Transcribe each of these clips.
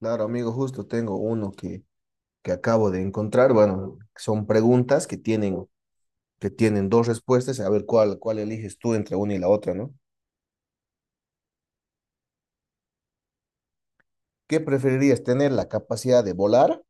Claro, amigo, justo tengo que acabo de encontrar. Bueno, son preguntas que tienen dos respuestas, a ver cuál eliges tú entre una y la otra, ¿no? ¿Qué preferirías tener, la capacidad de volar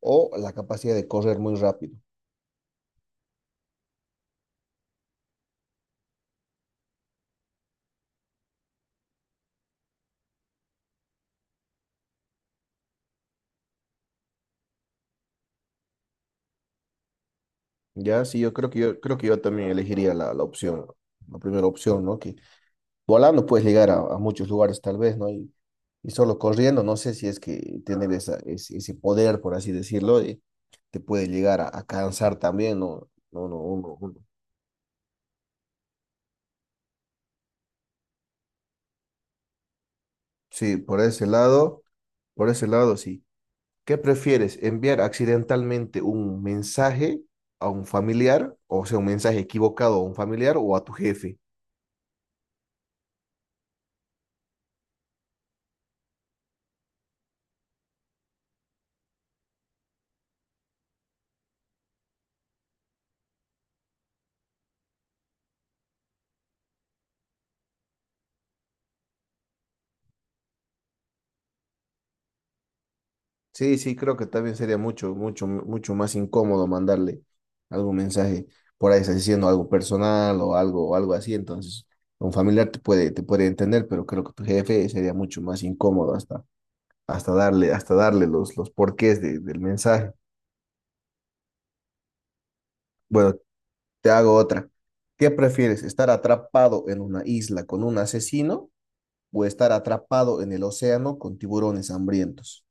o la capacidad de correr muy rápido? Ya, sí, yo creo que yo también elegiría la opción, la primera opción, ¿no? Que volando puedes llegar a muchos lugares tal vez, ¿no? Y solo corriendo, no sé si es que tener ese poder, por así decirlo, te puede llegar a cansar también, ¿no? No, no, uno, uno. Sí, por ese lado, sí. ¿Qué prefieres? ¿Enviar accidentalmente un mensaje a un familiar, o sea, un mensaje equivocado a un familiar o a tu jefe? Sí, sí, creo que también sería mucho, mucho, mucho más incómodo mandarle algún mensaje por ahí, está diciendo algo personal o algo así. Entonces, un familiar te puede entender, pero creo que tu jefe sería mucho más incómodo hasta, hasta darle los porqués de- del mensaje. Bueno, te hago otra. ¿Qué prefieres, estar atrapado en una isla con un asesino o estar atrapado en el océano con tiburones hambrientos?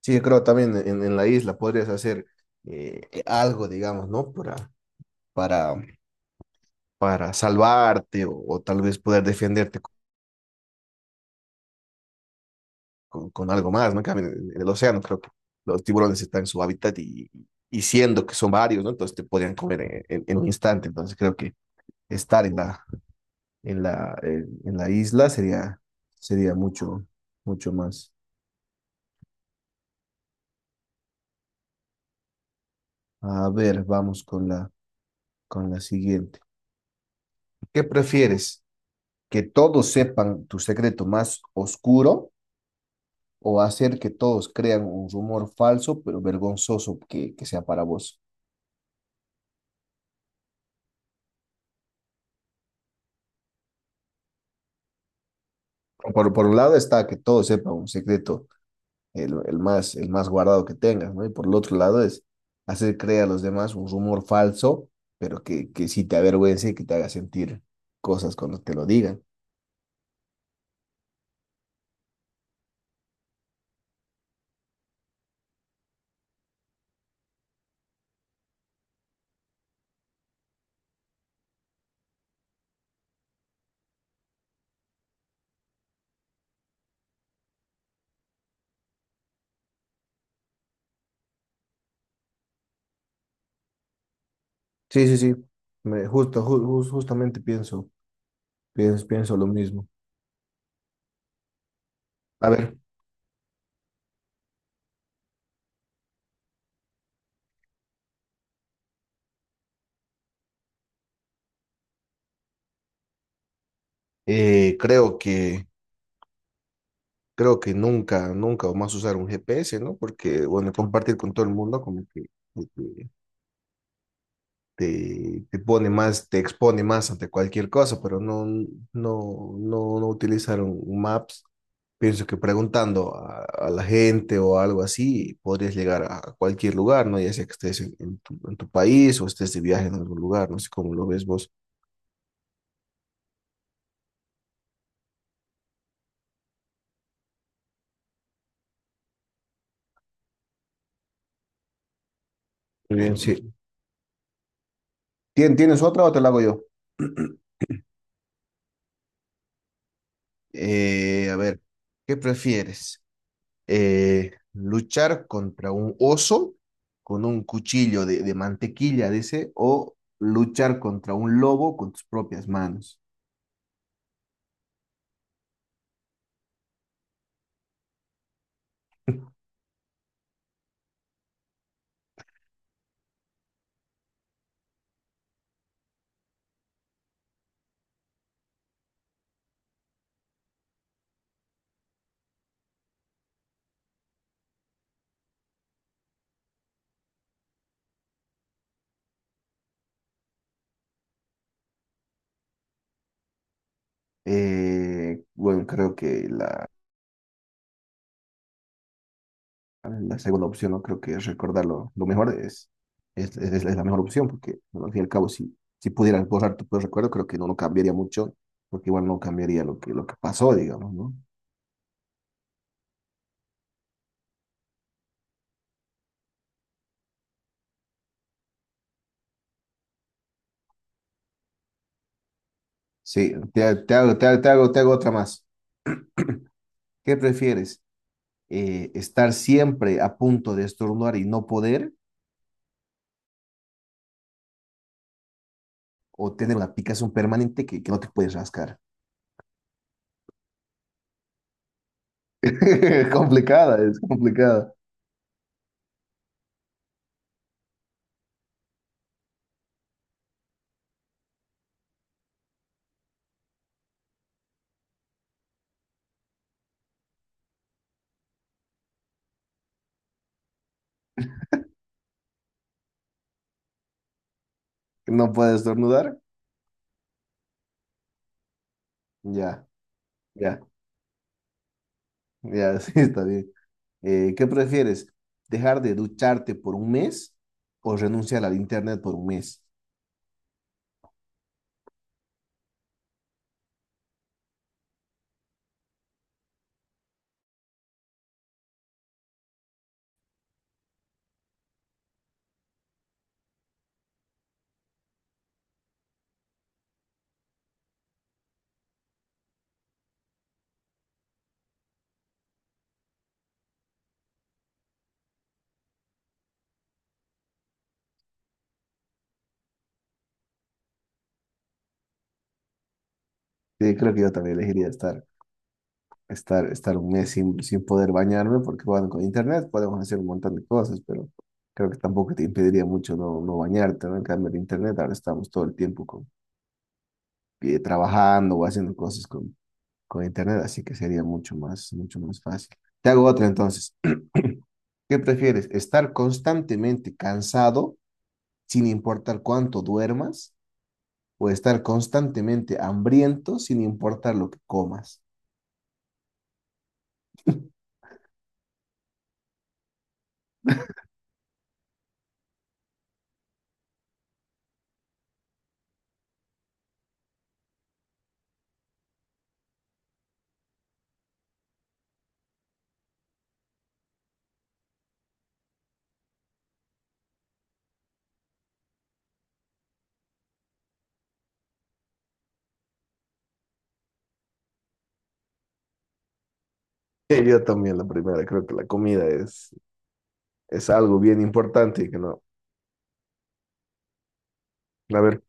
Sí, yo creo también en la isla podrías hacer algo, digamos, ¿no? Para, para salvarte o tal vez poder defenderte co- con algo más, ¿no? En cambio, el océano creo que los tiburones están en su hábitat y siendo que son varios, ¿no? Entonces te podrían comer en un instante. Entonces creo que estar en en la isla sería, sería mucho, mucho más. A ver, vamos con con la siguiente. ¿Qué prefieres? Que todos sepan tu secreto más oscuro o hacer que todos crean un rumor falso pero vergonzoso que sea para vos. Por un lado está que todos sepan un secreto, el más guardado que tengas, ¿no? Y por el otro lado es hacer creer a los demás un rumor falso, pero que sí te avergüence y que te haga sentir cosas cuando te lo digan. Sí, sí, sí. Me, justo, ju- ju- justamente pienso lo mismo. A ver, eh, creo que creo que nunca, nunca más usar un GPS, ¿no? Porque, bueno, compartir con todo el mundo como que te pone más, te expone más ante cualquier cosa, pero no, no, no, no utilizar un Maps. Pienso que preguntando a la gente o algo así, podrías llegar a cualquier lugar, ¿no? Ya sea que estés en tu país o estés de viaje en algún lugar, no sé cómo lo ves vos. Muy bien, sí. ¿Tienes otra o te la hago yo? Eh, a ver, ¿qué prefieres? Luchar contra un oso con un cuchillo de mantequilla, dice, o luchar contra un lobo con tus propias manos. Bueno, creo que la segunda opción, no creo que recordarlo lo mejor es la mejor opción, porque bueno, al fin y al cabo, si, si pudieras borrar tu peor recuerdo, creo que no, lo cambiaría mucho, porque igual no cambiaría lo que pasó, digamos, ¿no? Sí, te hago otra más. ¿Qué prefieres? Estar siempre a punto de estornudar y no poder, o tener una picazón permanente que no te puedes rascar. Complicada, es complicada. No puedes estornudar. Ya, ya, ya, sí, está bien. ¿Qué prefieres? ¿Dejar de ducharte por un mes o renunciar al internet por un mes? Sí, creo que yo también elegiría estar un mes sin, sin poder bañarme, porque bueno, con internet podemos hacer un montón de cosas, pero creo que tampoco te impediría mucho no, no bañarte, ¿no? En cambio, el internet, ahora estamos todo el tiempo con, trabajando o haciendo cosas con internet, así que sería mucho más fácil. Te hago otra entonces. ¿Qué prefieres? ¿Estar constantemente cansado sin importar cuánto duermas? ¿O estar constantemente hambriento sin importar lo que comas? Yo también la primera, creo que la comida es algo bien importante que no. A ver,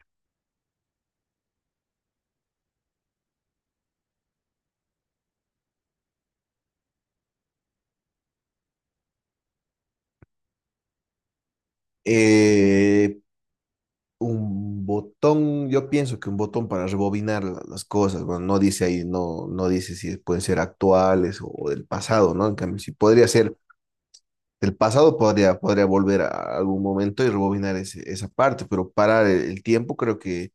eh, un botón, yo pienso que un botón para rebobinar la- las cosas, bueno, no dice ahí, no, no dice si pueden ser actuales o del pasado, ¿no? En cambio, si podría ser del pasado, podría, podría volver a algún momento y rebobinar ese- esa parte, pero parar el tiempo creo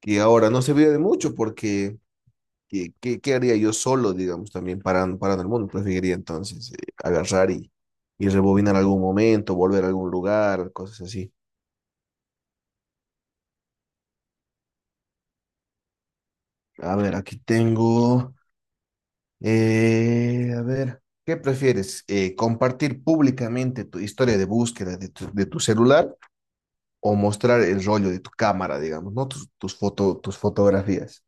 que ahora no serviría de mucho porque ¿qué, qué, qué haría yo solo, digamos, también parando, parando el mundo? Preferiría entonces agarrar y rebobinar algún momento, volver a algún lugar, cosas así. A ver, aquí tengo, ¿qué prefieres? ¿Compartir públicamente tu historia de búsqueda de de tu celular o mostrar el rollo de tu cámara, digamos, ¿no? Tus fotografías.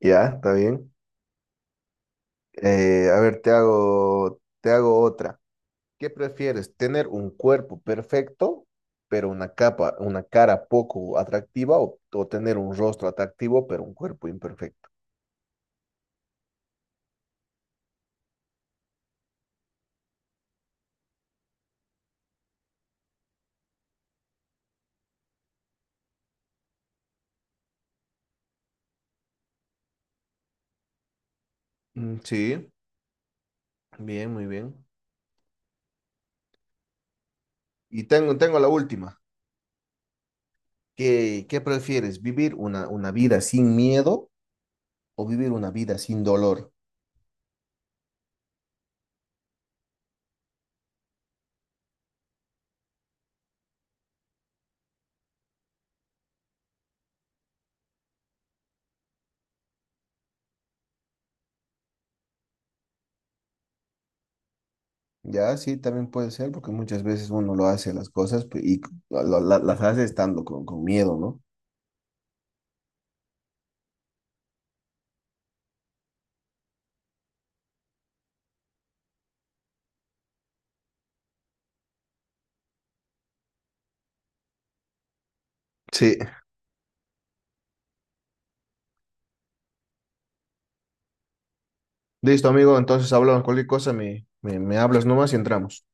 Ya, está bien. A ver, te hago otra. ¿Qué prefieres? ¿Tener un cuerpo perfecto, pero una capa, una cara poco atractiva, o tener un rostro atractivo, pero un cuerpo imperfecto? Mm, sí, bien, muy bien. Y tengo, tengo la última. ¿Qué, qué prefieres? ¿Vivir una vida sin miedo o vivir una vida sin dolor? Ya, sí, también puede ser, porque muchas veces uno lo hace las cosas pe- y lo- la- las hace estando con miedo, ¿no? Sí, listo, amigo. Entonces hablamos cualquier cosa, me hablas nomás y entramos.